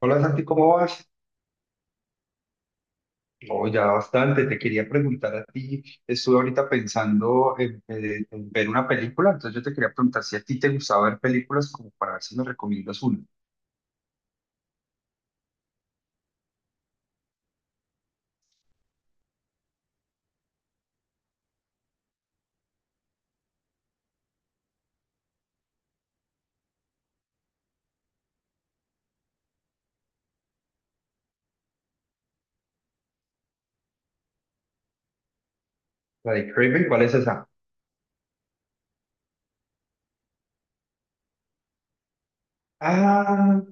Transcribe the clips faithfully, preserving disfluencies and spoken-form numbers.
Hola Santi, ¿cómo vas? Oh, ya bastante. Te quería preguntar a ti. Estuve ahorita pensando en, eh, en ver una película, entonces yo te quería preguntar si a ti te gustaba ver películas como para ver si me recomiendas una. La de Craven, ¿cuál es esa? Ah,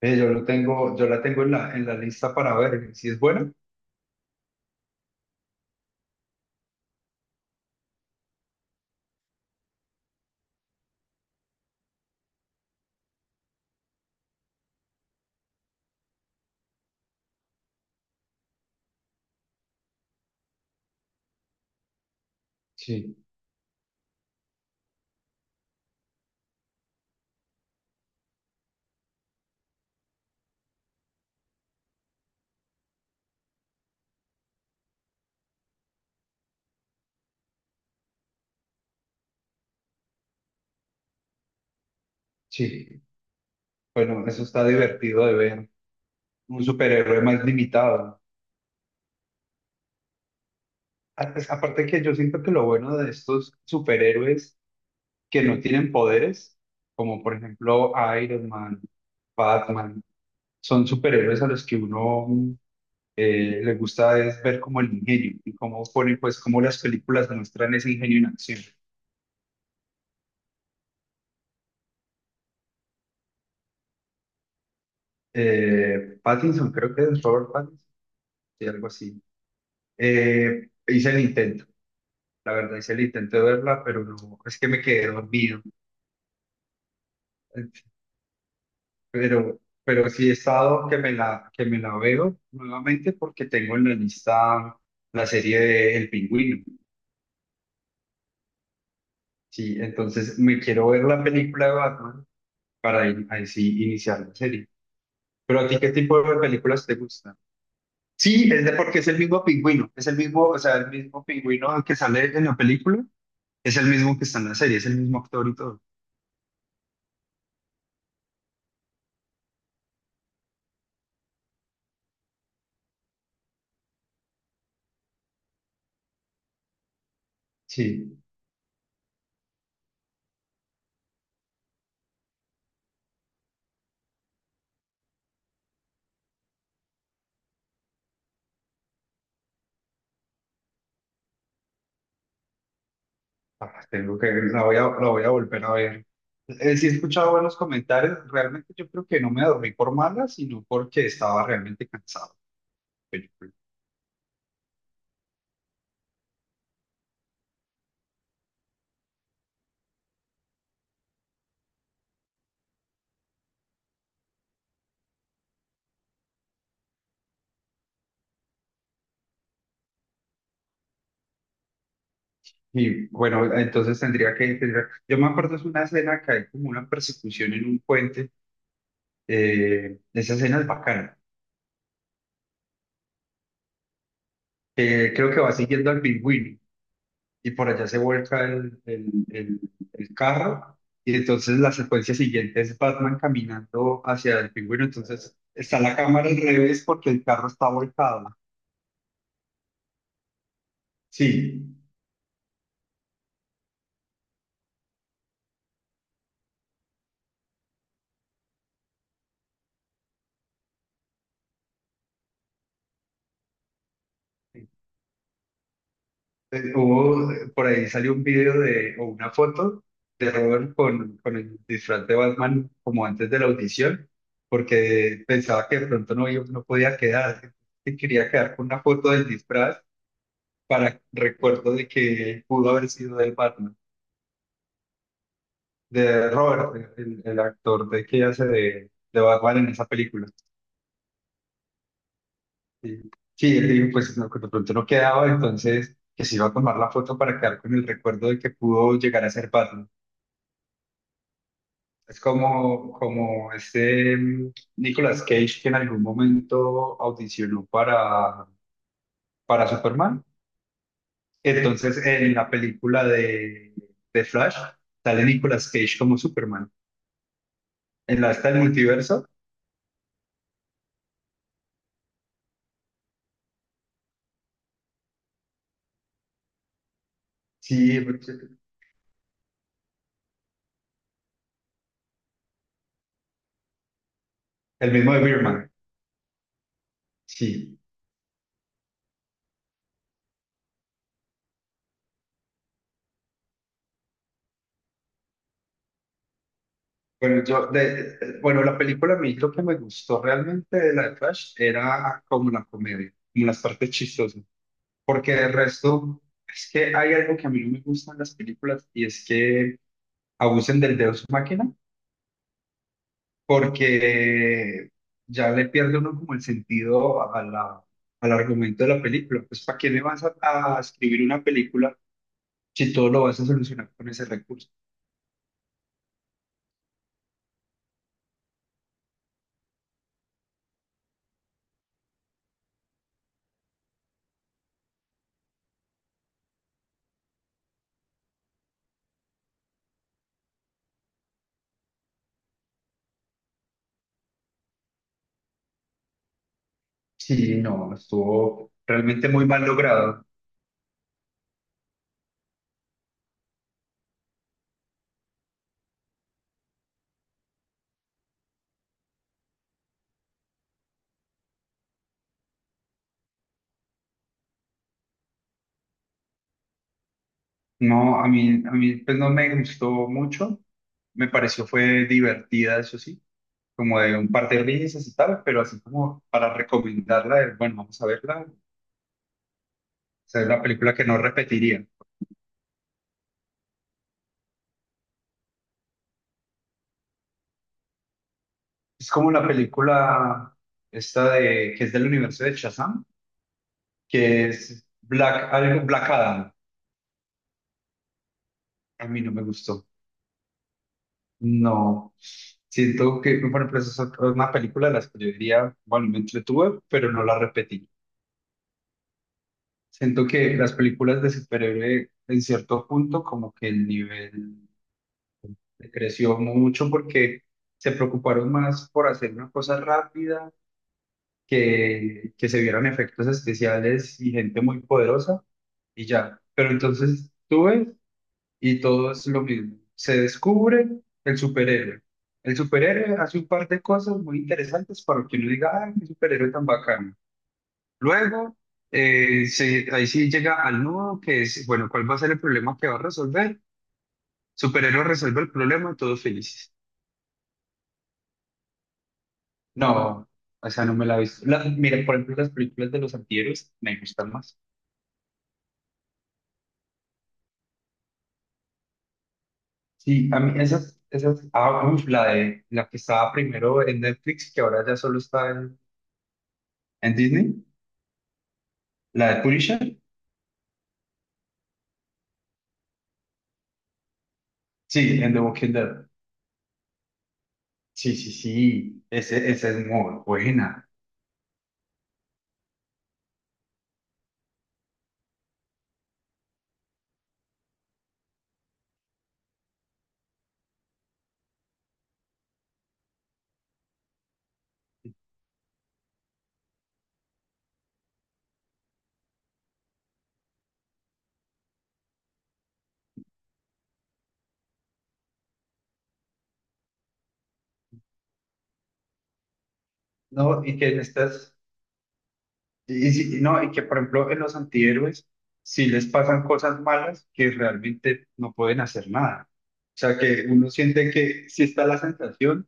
eh, yo lo tengo, yo la tengo en la, en la lista para ver. ¿Si es buena? Sí, sí. Bueno, eso está divertido de ver. Un superhéroe más limitado, ¿no? A- pues, Aparte que yo siento que lo bueno de estos superhéroes que no tienen poderes, como por ejemplo Iron Man, Batman, son superhéroes a los que uno mm, eh, le gusta es ver como el ingenio y cómo ponen, pues, cómo las películas demuestran ese ingenio en acción. Eh, Pattinson, creo que es Robert Pattinson, y algo así. Eh, hice el intento, la verdad, hice el intento de verla, pero no, es que me quedé dormido. Pero, pero sí he estado que me la, que me la veo nuevamente porque tengo en la lista la serie de El Pingüino. Sí, entonces me quiero ver la película de Batman para ahí, ahí sí iniciar la serie. Pero a ti, ¿qué tipo de películas te gustan? Sí, es de porque es el mismo pingüino, es el mismo, o sea, el mismo pingüino que sale en la película, es el mismo que está en la serie, es el mismo actor y todo. Sí. Ah, tengo que, la voy a, la voy a volver a ver. Eh, sí he escuchado buenos comentarios, realmente yo creo que no me dormí por mala, sino porque estaba realmente cansado. Pero yo creo- Y bueno, entonces tendría que, tendría- yo me acuerdo es una escena que hay como una persecución en un puente, eh, esa escena es bacana. Eh, creo que va siguiendo al pingüino. Y por allá se vuelca el, el, el- el carro y entonces la secuencia siguiente es Batman caminando hacia el pingüino, entonces está la cámara al revés porque el carro está volcado. Sí. Eh, hubo, eh, por ahí salió un video de, o una foto de Robert con, con el disfraz de Batman como antes de la audición, porque pensaba que de pronto no, iba- no podía quedar, que quería quedar con una foto del disfraz para recuerdo de que pudo haber sido del Batman. De Robert, el, el actor de que hace de, de Batman en esa película. Sí, sí, él dijo, pues no, que de pronto no quedaba, entonces que se iba a tomar la foto para quedar con el recuerdo de que pudo llegar a ser Batman. Es como, como este mm, Nicolas Cage que en algún momento audicionó para, para Superman. Entonces, en la película de, de Flash, sale Nicolas Cage como Superman. En la está el multiverso, sí, el mismo de Birdman, sí. Bueno, yo de, eh, bueno, la película a mí lo que me gustó realmente de la de Flash era como la comedia, como las partes chistosas, porque el resto es que hay algo que a mí no me gusta en las películas y es que abusen del Deus máquina, porque ya le pierde uno como el sentido a la, al argumento de la película. Pues ¿para qué le vas a, a escribir una película si todo lo vas a solucionar con ese recurso? Sí, no, estuvo realmente muy mal logrado. No, a mí, a mí pues no me gustó mucho, me pareció fue divertida, eso sí, como de un par de risas y tal, pero así como para recomendarla, de, bueno, vamos a verla, o sea, es la película que no repetiría. Es como la película esta de, que es del universo de Shazam, que es Black, algo Black Adam, a mí no me gustó, no, siento que, bueno, pues es otra- una película de las que yo diría, bueno, me entretuve, pero no la repetiría. Siento que las películas de superhéroe en cierto punto como que el nivel creció mucho porque se preocuparon más por hacer una cosa rápida, que, que se vieran efectos especiales y gente muy poderosa y ya. Pero entonces tú ves y todo es lo mismo. Se descubre el superhéroe. El superhéroe hace un par de cosas muy interesantes para que uno diga, ¡ay, qué superhéroe tan bacano! Luego, eh, se- ahí sí llega al nudo, que es, bueno, ¿cuál va a ser el problema que va a resolver? Superhéroe resuelve el problema, todos felices. No, o sea, no me la he visto. La- mira, por ejemplo, las películas de los antihéroes me gustan más. Sí, a mí esas, esas, ah, uf, la de, la que estaba primero en Netflix, que ahora ya solo está en, en Disney, la de Punisher, sí, en The Walking Dead. Sí, sí, sí, ese, esa es muy buena. No, y que en estas... Y, sí- y no, y que por ejemplo en los antihéroes, si les pasan cosas malas, que realmente no pueden hacer nada. O sea, que uno siente que sí está la sensación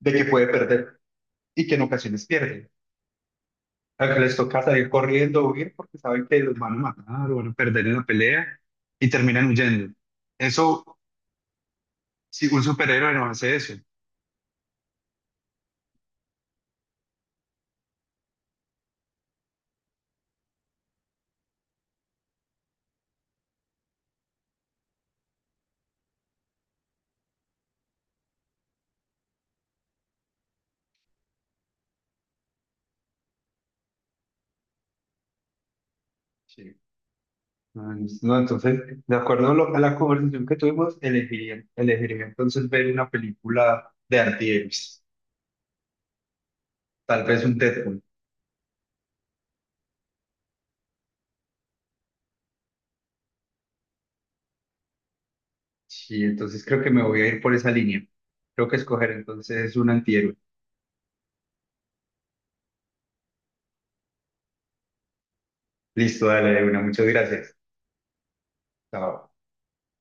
de que puede perder y que en ocasiones pierde. O sea, que les toca salir corriendo o huir porque saben que los van a matar o van a perder en la pelea y terminan huyendo. Eso, si un superhéroe no hace eso. Sí. No, no, entonces, de acuerdo a, lo- a la conversación que tuvimos, elegiría, elegiría entonces ver una película de antihéroes. Tal vez un Deadpool. Sí, entonces creo que me voy a ir por esa línea. Creo que escoger entonces un antihéroe. Listo, dale, una. Muchas gracias. Chao.